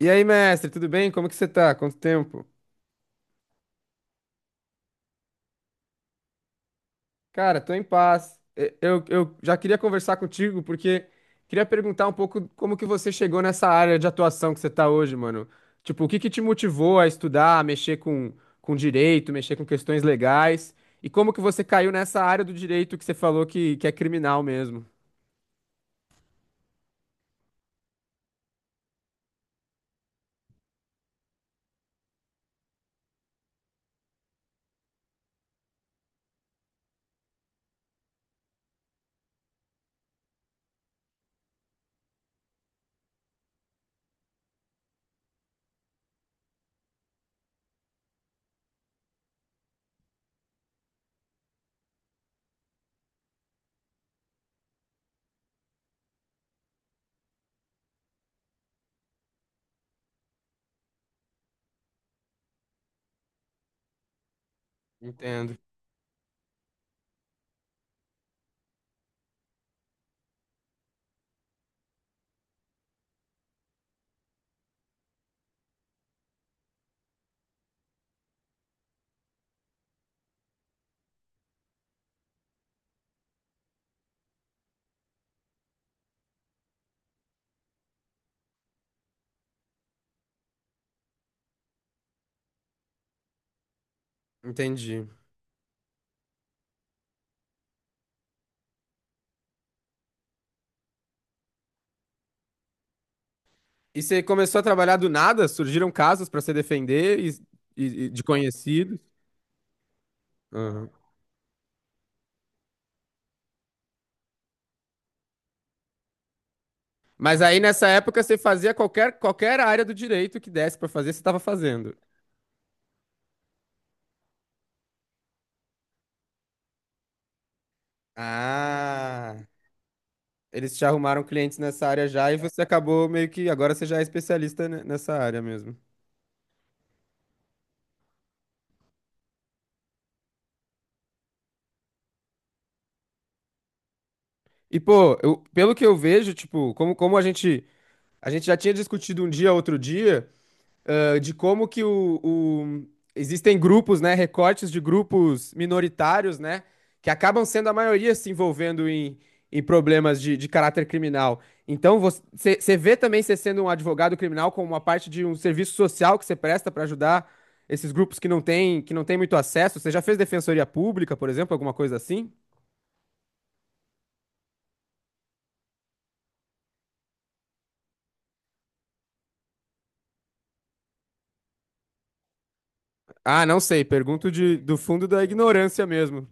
E aí, mestre, tudo bem? Como que você tá? Quanto tempo? Cara, tô em paz. Eu já queria conversar contigo porque queria perguntar um pouco como que você chegou nessa área de atuação que você tá hoje, mano. Tipo, o que que te motivou a estudar, a mexer com direito, mexer com questões legais? E como que você caiu nessa área do direito que você falou que é criminal mesmo? Entendo, entendi. E você começou a trabalhar do nada? Surgiram casos pra você defender e de conhecidos? Aham. Mas aí nessa época você fazia qualquer área do direito que desse pra fazer, você tava fazendo. Ah, eles te arrumaram clientes nessa área já e você acabou meio que agora você já é especialista ne- nessa área mesmo. E pô, eu- pelo que eu vejo, tipo, como, como a gente já tinha discutido um dia, outro dia, ah, de como que existem grupos, né, recortes de grupos minoritários, né, que acabam sendo a maioria se envolvendo em, em problemas de caráter criminal. Então, você vê também você sendo um advogado criminal como uma parte de um serviço social que você presta para ajudar esses grupos que não têm muito acesso. Você já fez defensoria pública, por exemplo, alguma coisa assim? Ah, não sei. Pergunto de, do fundo da ignorância mesmo.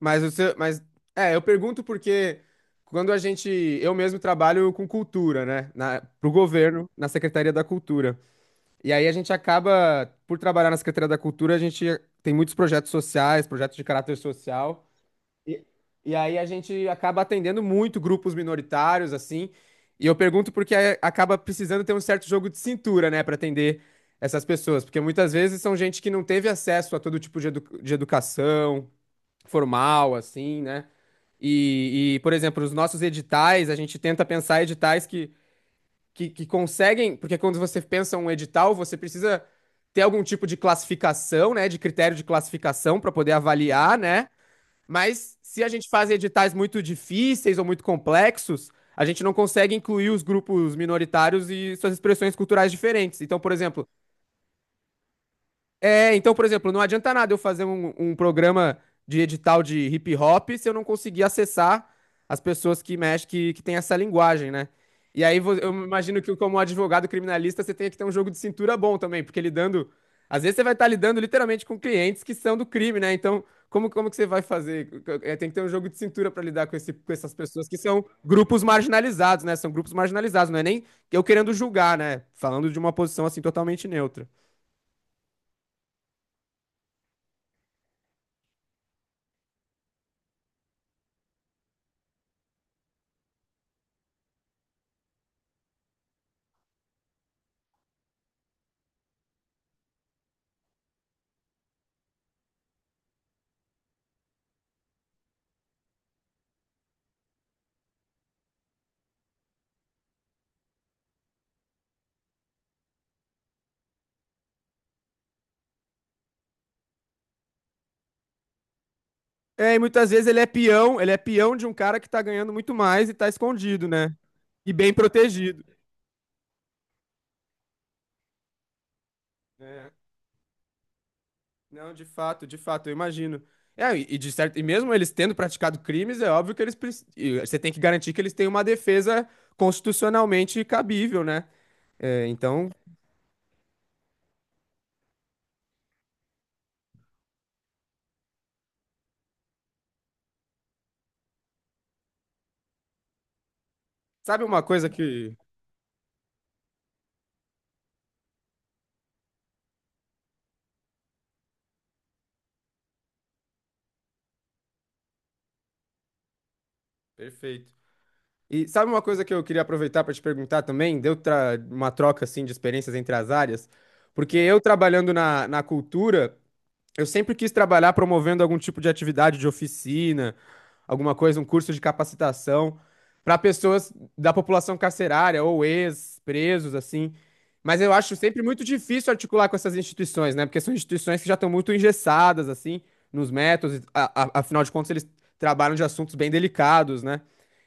Mas o seu, mas é, eu pergunto porque quando a gente, eu mesmo trabalho com cultura, né, na, pro governo, na Secretaria da Cultura. E aí a gente acaba por trabalhar na Secretaria da Cultura, a gente tem muitos projetos sociais, projetos de caráter social. E, e aí a gente acaba atendendo muito grupos minoritários assim. E eu pergunto porque é- acaba precisando ter um certo jogo de cintura, né, para atender essas pessoas, porque muitas vezes são gente que não teve acesso a todo tipo de edu- de educação formal, assim, né? E, por exemplo, os nossos editais, a gente tenta pensar editais que conseguem, porque quando você pensa um edital, você precisa ter algum tipo de classificação, né, de critério de classificação para poder avaliar, né? Mas se a gente faz editais muito difíceis ou muito complexos, a gente não consegue incluir os grupos minoritários e suas expressões culturais diferentes. Então, por exemplo, é, então, por exemplo, não adianta nada eu fazer um, um programa de edital de hip hop se eu não conseguir acessar as pessoas que mexem, que têm essa linguagem, né? E aí vo- eu imagino que, como advogado criminalista, você tem que ter um jogo de cintura bom também, porque lidando. Às vezes você vai estar lidando literalmente com clientes que são do crime, né? Então, como, como que você vai fazer? É, tem que ter um jogo de cintura para lidar com, esse, com essas pessoas que são grupos marginalizados, né? São grupos marginalizados, não é nem eu querendo julgar, né? Falando de uma posição assim totalmente neutra. É, e muitas vezes ele é peão de um cara que tá ganhando muito mais e tá escondido, né? E bem protegido. É. Não, de fato, eu imagino. É, e de certo, e mesmo eles tendo praticado crimes, é óbvio que eles preci- e você tem que garantir que eles têm uma defesa constitucionalmente cabível, né? É, então, sabe uma coisa que Perfeito. E sabe uma coisa que eu queria aproveitar para te perguntar também? Deu tra- uma troca assim de experiências entre as áreas, porque eu trabalhando na, na cultura eu sempre quis trabalhar promovendo algum tipo de atividade de oficina, alguma coisa, um curso de capacitação para pessoas da população carcerária ou ex-presos, assim. Mas eu acho sempre muito difícil articular com essas instituições, né? Porque são instituições que já estão muito engessadas, assim, nos métodos. A- afinal de contas, eles trabalham de assuntos bem delicados, né?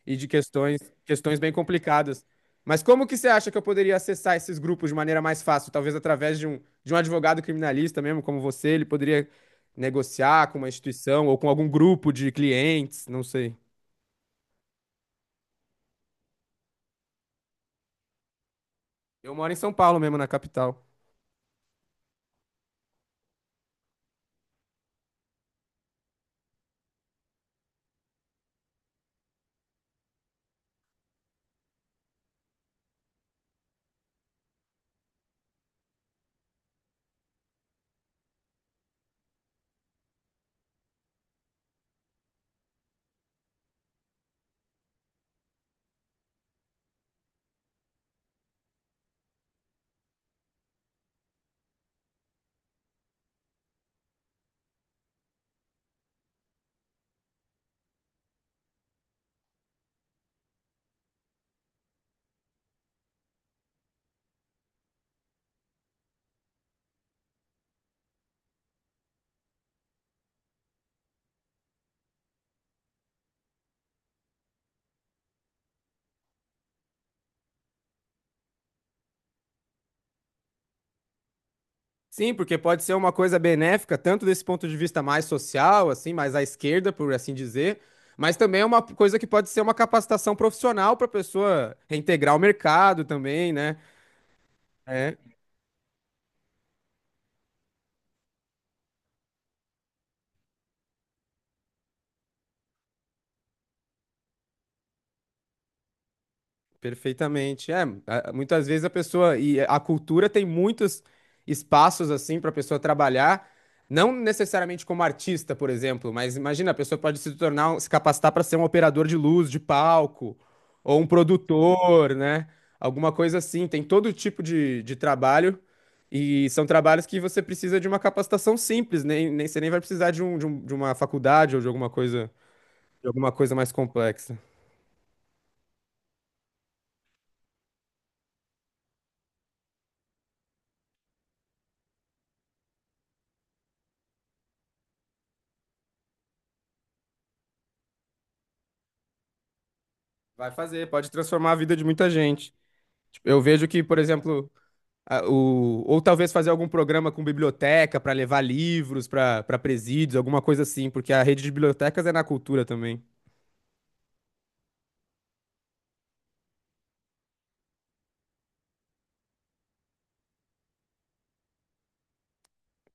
E de questões, questões bem complicadas. Mas como que você acha que eu poderia acessar esses grupos de maneira mais fácil? Talvez através de um advogado criminalista mesmo, como você, ele poderia negociar com uma instituição ou com algum grupo de clientes, não sei. Eu moro em São Paulo mesmo, na capital. Sim, porque pode ser uma coisa benéfica, tanto desse ponto de vista mais social, assim, mais à esquerda, por assim dizer, mas também é uma coisa que pode ser uma capacitação profissional para a pessoa reintegrar o mercado também, né? É. Perfeitamente. É, a- muitas vezes a pessoa e a cultura tem muitos espaços assim para a pessoa trabalhar, não necessariamente como artista, por exemplo, mas imagina, a pessoa pode se tornar, um- se capacitar para ser um operador de luz, de palco, ou um produtor, né? Alguma coisa assim. Tem todo tipo de trabalho e são trabalhos que você precisa de uma capacitação simples, nem, nem você nem vai precisar de um, de um- de uma faculdade ou de alguma coisa mais complexa. Vai fazer, pode transformar a vida de muita gente. Tipo, eu vejo que, por exemplo, a- o, ou talvez fazer algum programa com biblioteca para levar livros para para presídios, alguma coisa assim, porque a rede de bibliotecas é na cultura também.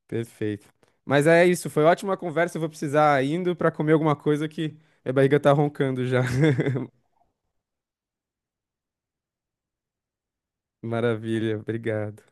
Perfeito. Mas é isso, foi ótima conversa. Eu vou precisar indo para comer alguma coisa que minha barriga tá roncando já. Maravilha, obrigado.